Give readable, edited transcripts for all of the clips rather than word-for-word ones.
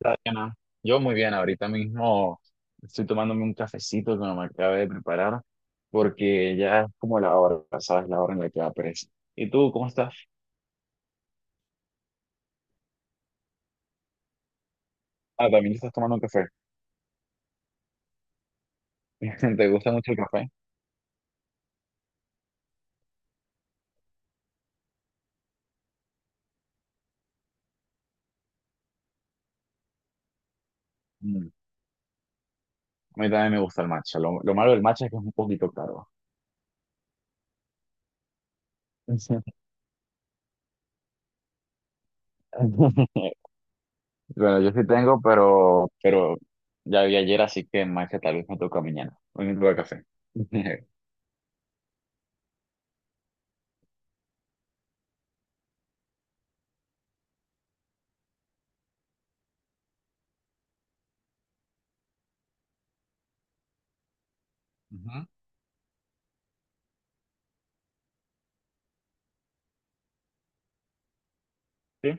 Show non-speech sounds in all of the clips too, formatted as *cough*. Hola, Diana. Yo muy bien, ahorita mismo estoy tomándome un cafecito que me acabé de preparar porque ya es como la hora, ¿sabes? La hora en la que da pereza. ¿Y tú cómo estás? Ah, también estás tomando un café. *laughs* ¿Te gusta mucho el café? Mm, A mí también me gusta el matcha. Lo malo del matcha es que es un poquito caro. *laughs* Bueno, yo sí tengo, pero ya vi ayer, así que matcha tal vez me toca mañana. Hoy me toca café. *laughs* Ujú. Sí.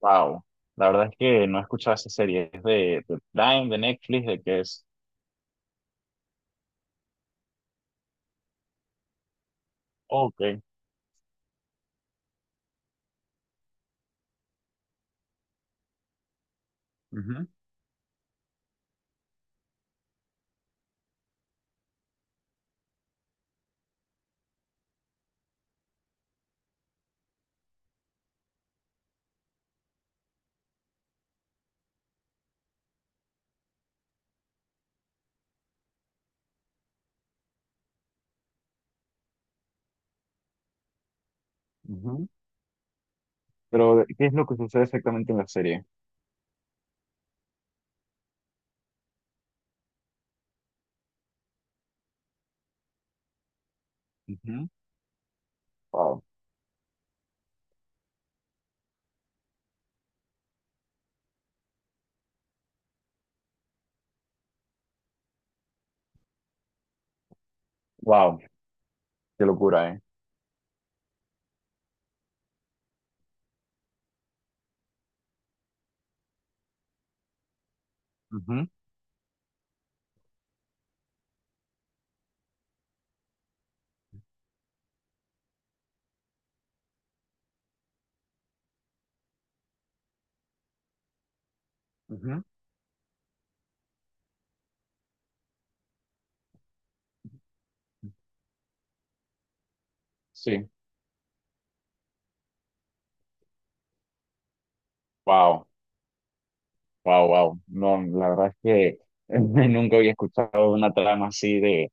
Wow, la verdad es que no he escuchado esa serie. Es de Prime, de Netflix, de que es. Ok. Ujú, ujú. Pero, ¿qué es lo que sucede exactamente en la serie? Ujú. Wow, wow, qué locura, ¿eh? Ujú, ujú. Sí, wow. Wow, wow. No, la verdad es que *laughs* nunca había escuchado una trama así de,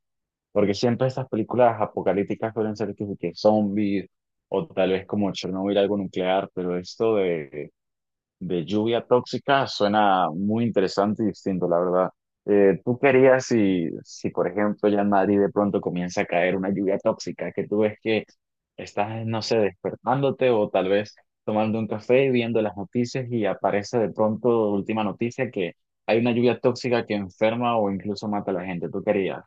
porque siempre estas películas apocalípticas suelen ser que zombies o tal vez como Chernobyl, algo nuclear, pero esto de lluvia tóxica suena muy interesante y distinto, la verdad. ¿Tú querías si, por ejemplo, ya en Madrid de pronto comienza a caer una lluvia tóxica, que tú ves que estás, no sé, despertándote o tal vez tomando un café, viendo las noticias y aparece de pronto última noticia que hay una lluvia tóxica que enferma o incluso mata a la gente. ¿Tú querías?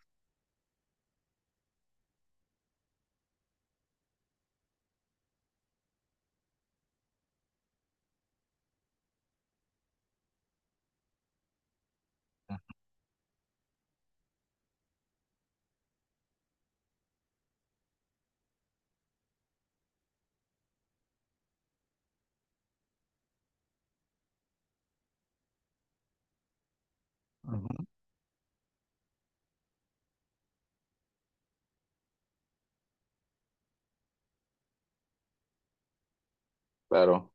Ujú. Claro.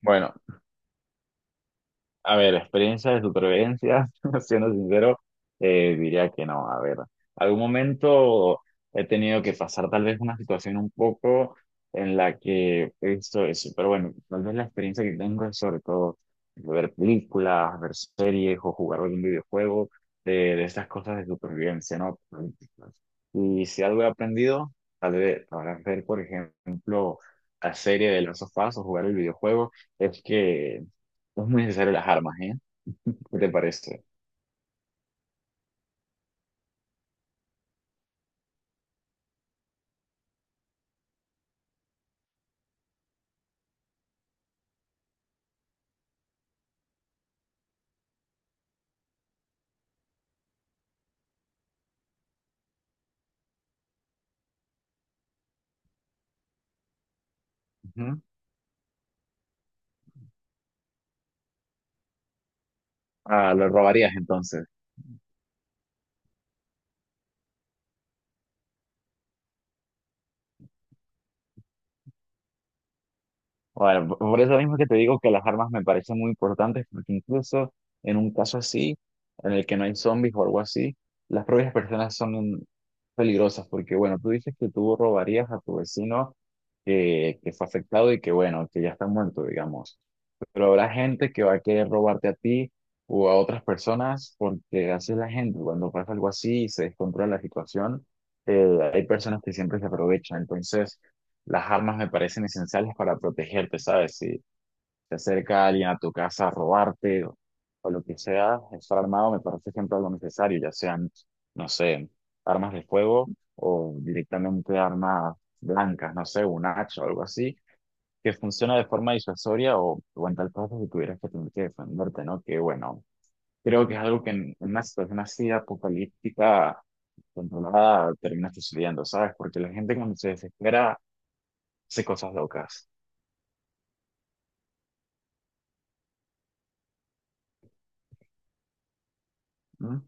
Bueno, a ver, experiencia de supervivencia, *laughs* siendo sincero, diría que no. A ver, algún momento he tenido que pasar tal vez una situación un poco en la que he visto eso, pero bueno, tal vez la experiencia que tengo es sobre todo ver películas, ver series o jugar algún videojuego de estas cosas de supervivencia, ¿no? Y si algo he aprendido, tal vez para ver, por ejemplo, la serie de las of Us o jugar el videojuego, es que no es muy necesario las armas, ¿eh? ¿Qué te parece? Ujú. Ah, lo robarías entonces. Bueno, por eso mismo que te digo que las armas me parecen muy importantes, porque incluso en un caso así, en el que no hay zombies o algo así, las propias personas son peligrosas, porque bueno, tú dices que tú robarías a tu vecino que fue afectado y que bueno, que ya está muerto, digamos. Pero habrá gente que va a querer robarte a ti o a otras personas porque hace la gente. Cuando pasa algo así y se descontrola la situación, hay personas que siempre se aprovechan. Entonces, las armas me parecen esenciales para protegerte, ¿sabes? Si se acerca alguien a tu casa a robarte o lo que sea, estar armado me parece siempre algo necesario, ya sean, no sé, armas de fuego o directamente armas blancas, no sé, un hacha o algo así que funciona de forma disuasoria o en tal caso si tuvieras que tener que defenderte, ¿no? Que bueno, creo que es algo que en una situación así apocalíptica controlada termina sucediendo, ¿sabes? Porque la gente cuando se desespera hace cosas locas. ¿No?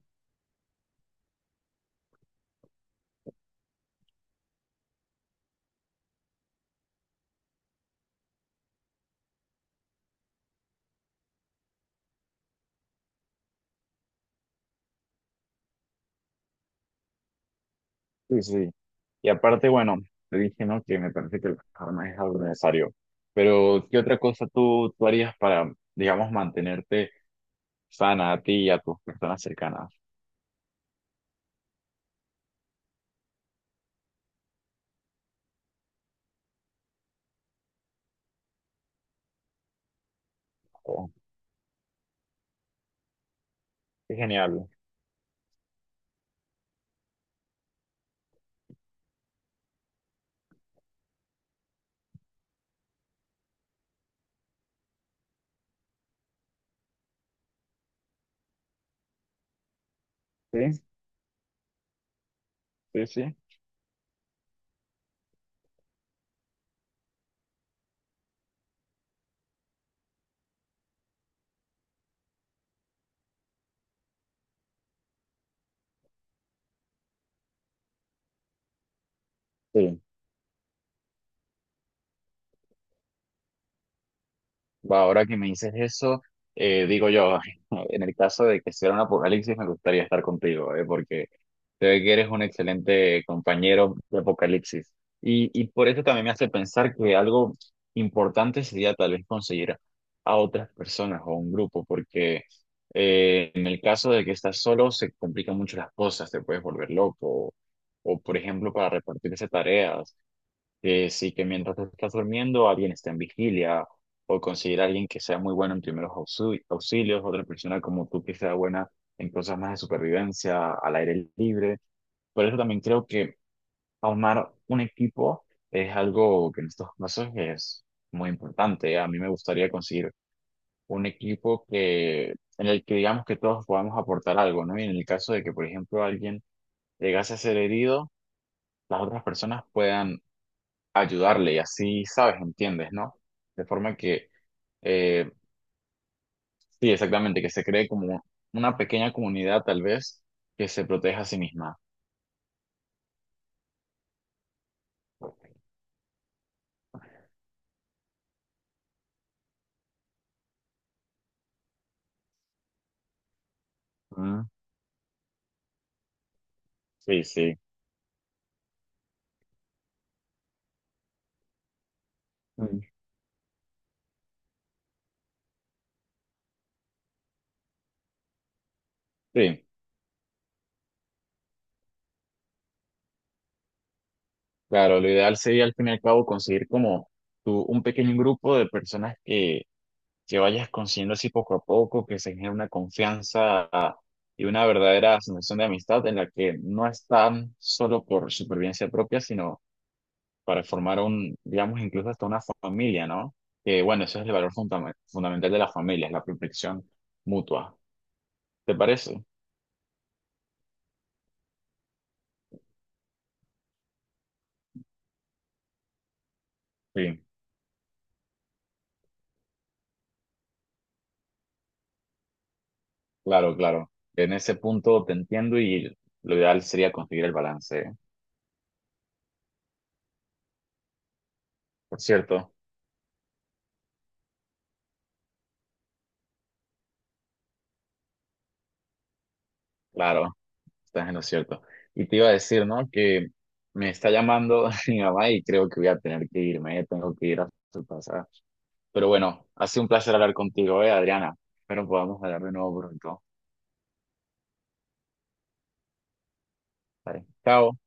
Sí, sí. Y aparte, bueno, te dije, ¿no? Que me parece que las armas es algo necesario. Pero, ¿qué otra cosa tú harías para, digamos, mantenerte sana a ti y a tus personas cercanas? Oh, qué genial. Sí, sí, sí. Sí. Va, ahora que me dices eso, digo yo, *laughs* en el caso de que sea un apocalipsis, me gustaría estar contigo, porque se ve que eres un excelente compañero de apocalipsis. Y por eso también me hace pensar que algo importante sería tal vez conseguir a otras personas o a un grupo, porque en el caso de que estás solo, se complican mucho las cosas, te puedes volver loco, o, por ejemplo, para repartirse tareas que sí, que mientras tú estás durmiendo, alguien está en vigilia, o conseguir a alguien que sea muy bueno en primeros auxilios, otra persona como tú que sea buena en cosas más de supervivencia, al aire libre. Por eso también creo que armar un equipo es algo que en estos casos es muy importante. A mí me gustaría conseguir un equipo que, en el que digamos que todos podamos aportar algo, ¿no? Y en el caso de que, por ejemplo, alguien llegase a ser herido, las otras personas puedan ayudarle y así, ¿sabes? ¿Entiendes, no? De forma que, eh, sí, exactamente, que se cree como una pequeña comunidad tal vez que se proteja a sí misma. Mm. Sí, sí. Mm. Sí, claro, lo ideal sería al fin y al cabo conseguir como tú, un pequeño grupo de personas que vayas consiguiendo así poco a poco, que se genere una confianza y una verdadera sensación de amistad en la que no están solo por supervivencia propia, sino para formar un, digamos, incluso hasta una familia, ¿no? Que bueno, ese es el valor fundamental de la familia, es la protección mutua. ¿Te parece? Sí, claro, claro. En ese punto te entiendo y lo ideal sería conseguir el balance. ¿Eh? Por cierto, claro, estás en lo cierto. Y te iba a decir, ¿no? Que me está llamando *laughs* mi mamá y creo que voy a tener que irme, ¿eh? Tengo que ir a su casa. Pero bueno, ha sido un placer hablar contigo, ¿eh, Adriana? Espero podamos hablar de nuevo pronto. Vale. Chao.